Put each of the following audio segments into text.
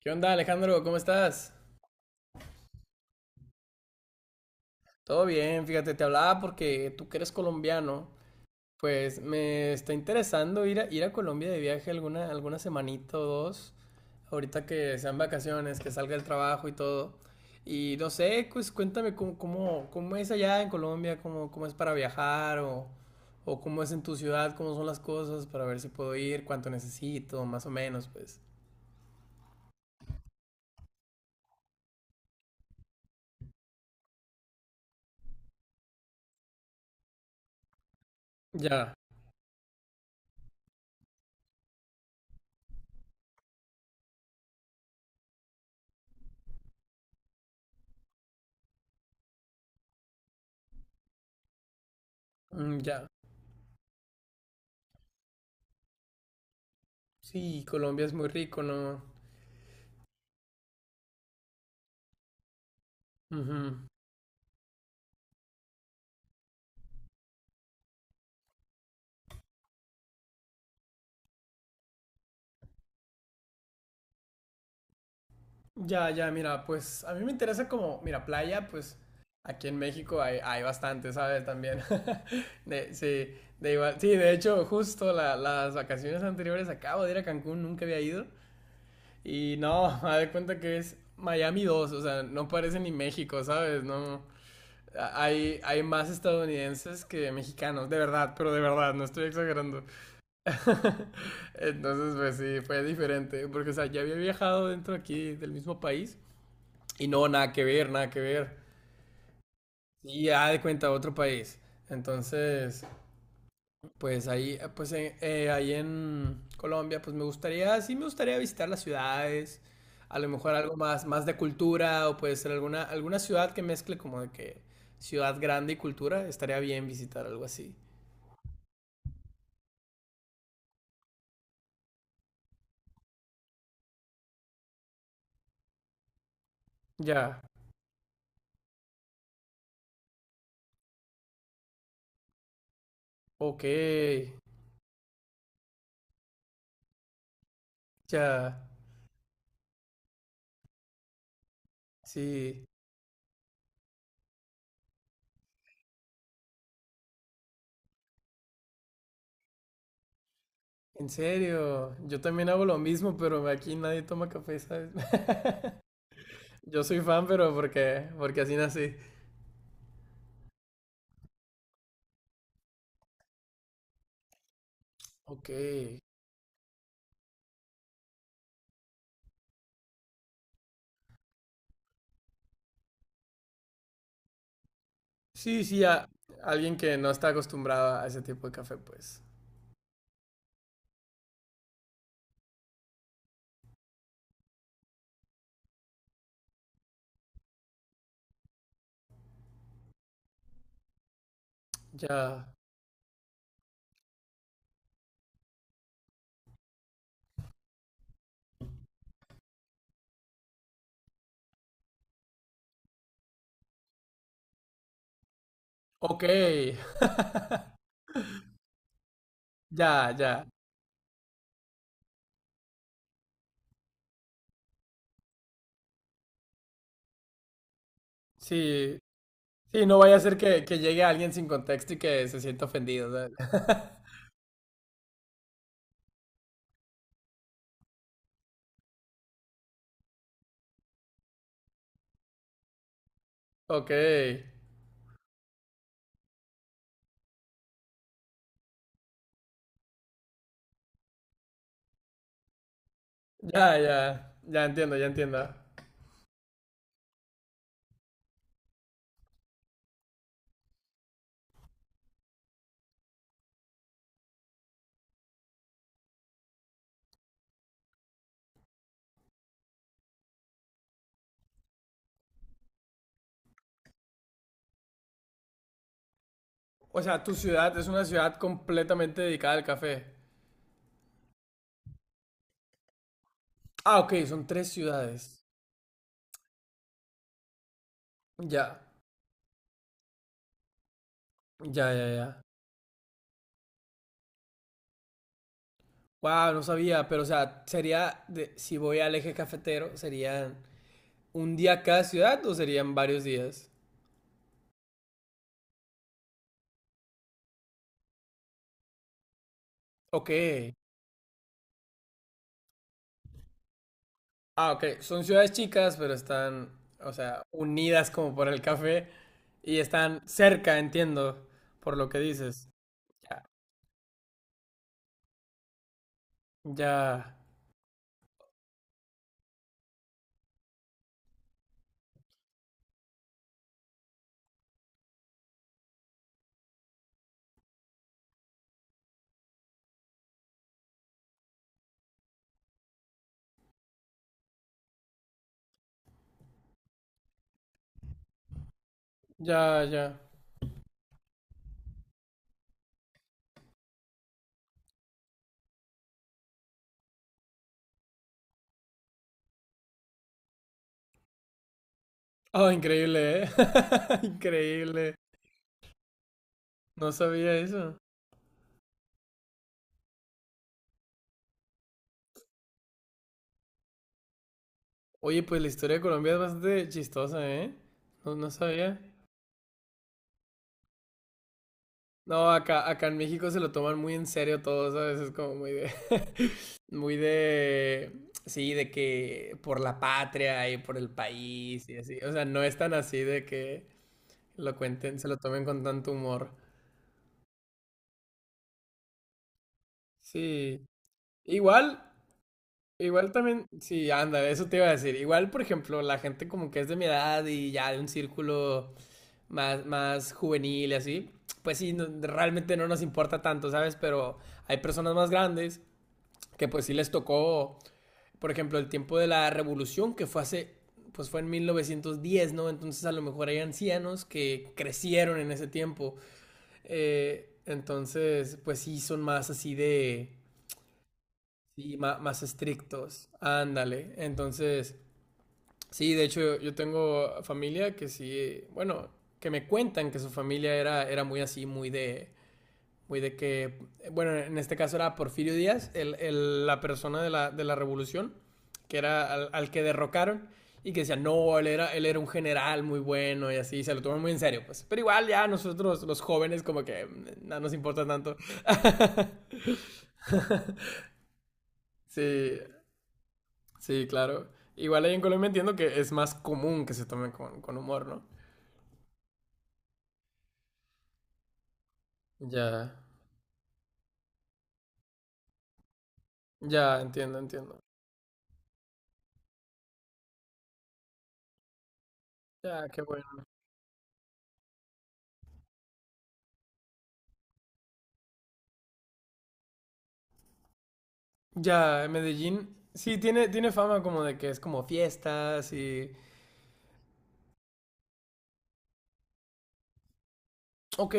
¿Qué onda, Alejandro? ¿Cómo estás? Todo bien, fíjate, te hablaba porque tú que eres colombiano, pues me está interesando ir a Colombia de viaje alguna semanita o dos, ahorita que sean vacaciones, que salga el trabajo y todo. Y no sé, pues cuéntame cómo es allá en Colombia, cómo es para viajar o cómo es en tu ciudad, cómo son las cosas, para ver si puedo ir, cuánto necesito, más o menos, pues. Ya, ya. Sí, Colombia es muy rico, ¿no? Ujú. Ya, ya, mira, pues a mí me interesa como, mira, playa, pues aquí en México hay, hay bastante, ¿sabes? También. De, sí, de igual, sí, de hecho, justo las vacaciones anteriores acabo de ir a Cancún, nunca había ido. Y no, me de cuenta que es Miami 2, o sea, no parece ni México, ¿sabes? No, hay, hay más estadounidenses que mexicanos, de verdad, pero de verdad, no estoy exagerando. Entonces, pues sí, fue diferente, porque, o sea, ya había viajado dentro aquí del mismo país y no, nada que ver, nada que ver. Y ya de cuenta, otro país. Entonces, pues ahí en Colombia, pues me gustaría, sí me gustaría visitar las ciudades, a lo mejor algo más, más de cultura, o puede ser alguna, alguna ciudad que mezcle como de que ciudad grande y cultura, estaría bien visitar algo así. Ya, ok, ya, sí, en serio, yo también hago lo mismo, pero aquí nadie toma café, ¿sabes? Yo soy fan, pero porque, porque así nací. Ok. Sí, sí, a alguien que no está acostumbrado a ese tipo de café, pues. Ya. Ok. Ya, ya. Sí. Sí, no vaya a ser que llegue alguien sin contexto y que se sienta ofendido, ¿sabes? Ok. Ya, ya. Ya entiendo, ya entiendo. O sea, tu ciudad es una ciudad completamente dedicada al café. Ah, ok, son tres ciudades. Ya, ya, ya, ya. Wow, no sabía, pero o sea, sería, si voy al eje cafetero, ¿serían un día cada ciudad o serían varios días? Ok. Ah, ok. Son ciudades chicas, pero están, o sea, unidas como por el café y están cerca, entiendo, por lo que dices. Ya, ya, ya, ya. Oh, increíble, ¿eh? Increíble. No sabía eso. Oye, pues la historia de Colombia es bastante chistosa, ¿eh? No, no sabía. No, acá, acá en México se lo toman muy en serio todo, ¿sabes? Es como muy de, muy de, sí, de que por la patria y por el país y así. O sea, no es tan así de que lo cuenten, se lo tomen con tanto humor. Sí. Igual, igual también, sí, anda, eso te iba a decir. Igual, por ejemplo, la gente como que es de mi edad y ya de un círculo más, más juvenil y así, pues sí, realmente no nos importa tanto, ¿sabes? Pero hay personas más grandes que pues sí les tocó por ejemplo, el tiempo de la revolución, que fue hace, pues fue en 1910, ¿no? Entonces a lo mejor hay ancianos que crecieron en ese tiempo. Entonces, pues sí, son más así de, sí, más, estrictos. Ándale. Entonces, sí, de hecho yo tengo familia que sí, bueno, que me cuentan que su familia era, era muy así, muy de que, bueno, en este caso era Porfirio Díaz, el, la persona de la revolución, que era al, al que derrocaron, y que decía, no, él era un general muy bueno y así, se lo toman muy en serio, pues. Pero igual ya nosotros, los jóvenes, como que no nos importa tanto. sí, sí, claro. Igual ahí en Colombia entiendo que es más común que se tomen con humor, ¿no? Ya, ya, entiendo, entiendo. Ya, qué bueno. Ya, Medellín, sí, tiene, tiene fama como de que es como fiestas y... Ok.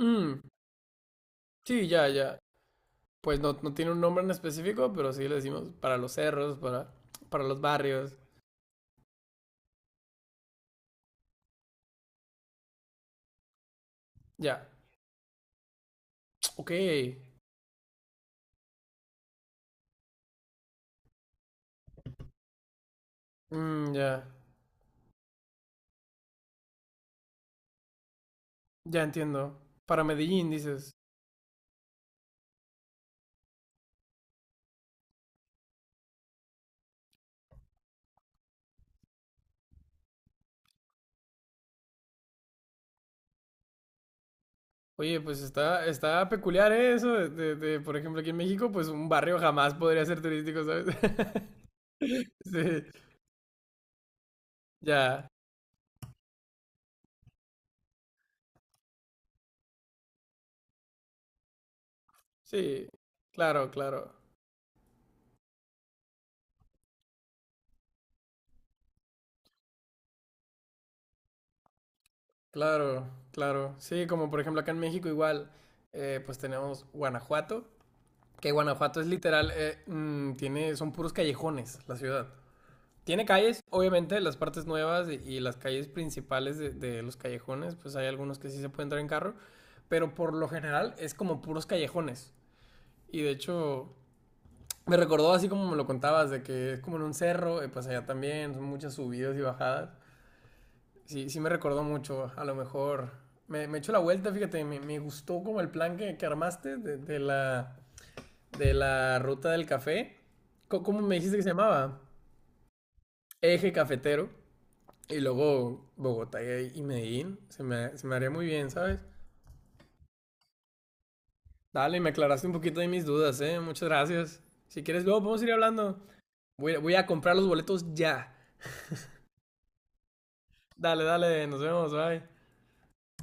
Mm, sí, ya, ya. Pues no, no tiene un nombre en específico, pero sí le decimos para los cerros, para los barrios. Ya. Ok. Mm, ya. Ya entiendo. Para Medellín dices. Oye, pues está, está peculiar ¿eh? Eso. De, de, por ejemplo, aquí en México, pues un barrio jamás podría ser turístico, ¿sabes? Sí, ya. Sí, claro, claro. Claro, claro. Sí, como por ejemplo acá en México igual, pues tenemos Guanajuato, que Guanajuato es literal, tiene, son puros callejones la ciudad. Tiene calles, obviamente, las partes nuevas y las calles principales de los callejones, pues hay algunos que sí se pueden entrar en carro, pero por lo general es como puros callejones. Y de hecho, me recordó así como me lo contabas, de que es como en un cerro, y pues allá también son muchas subidas y bajadas. Sí, sí me recordó mucho, a lo mejor. Me echó la vuelta, fíjate, me gustó como el plan que armaste de la ruta del café. ¿Cómo me dijiste que se llamaba? Eje cafetero. Y luego Bogotá y Medellín. Se me haría muy bien, ¿sabes? Dale, me aclaraste un poquito de mis dudas, ¿eh? Muchas gracias. Si quieres, luego podemos ir hablando. Voy, voy a comprar los boletos ya. Dale, dale, nos vemos, bye.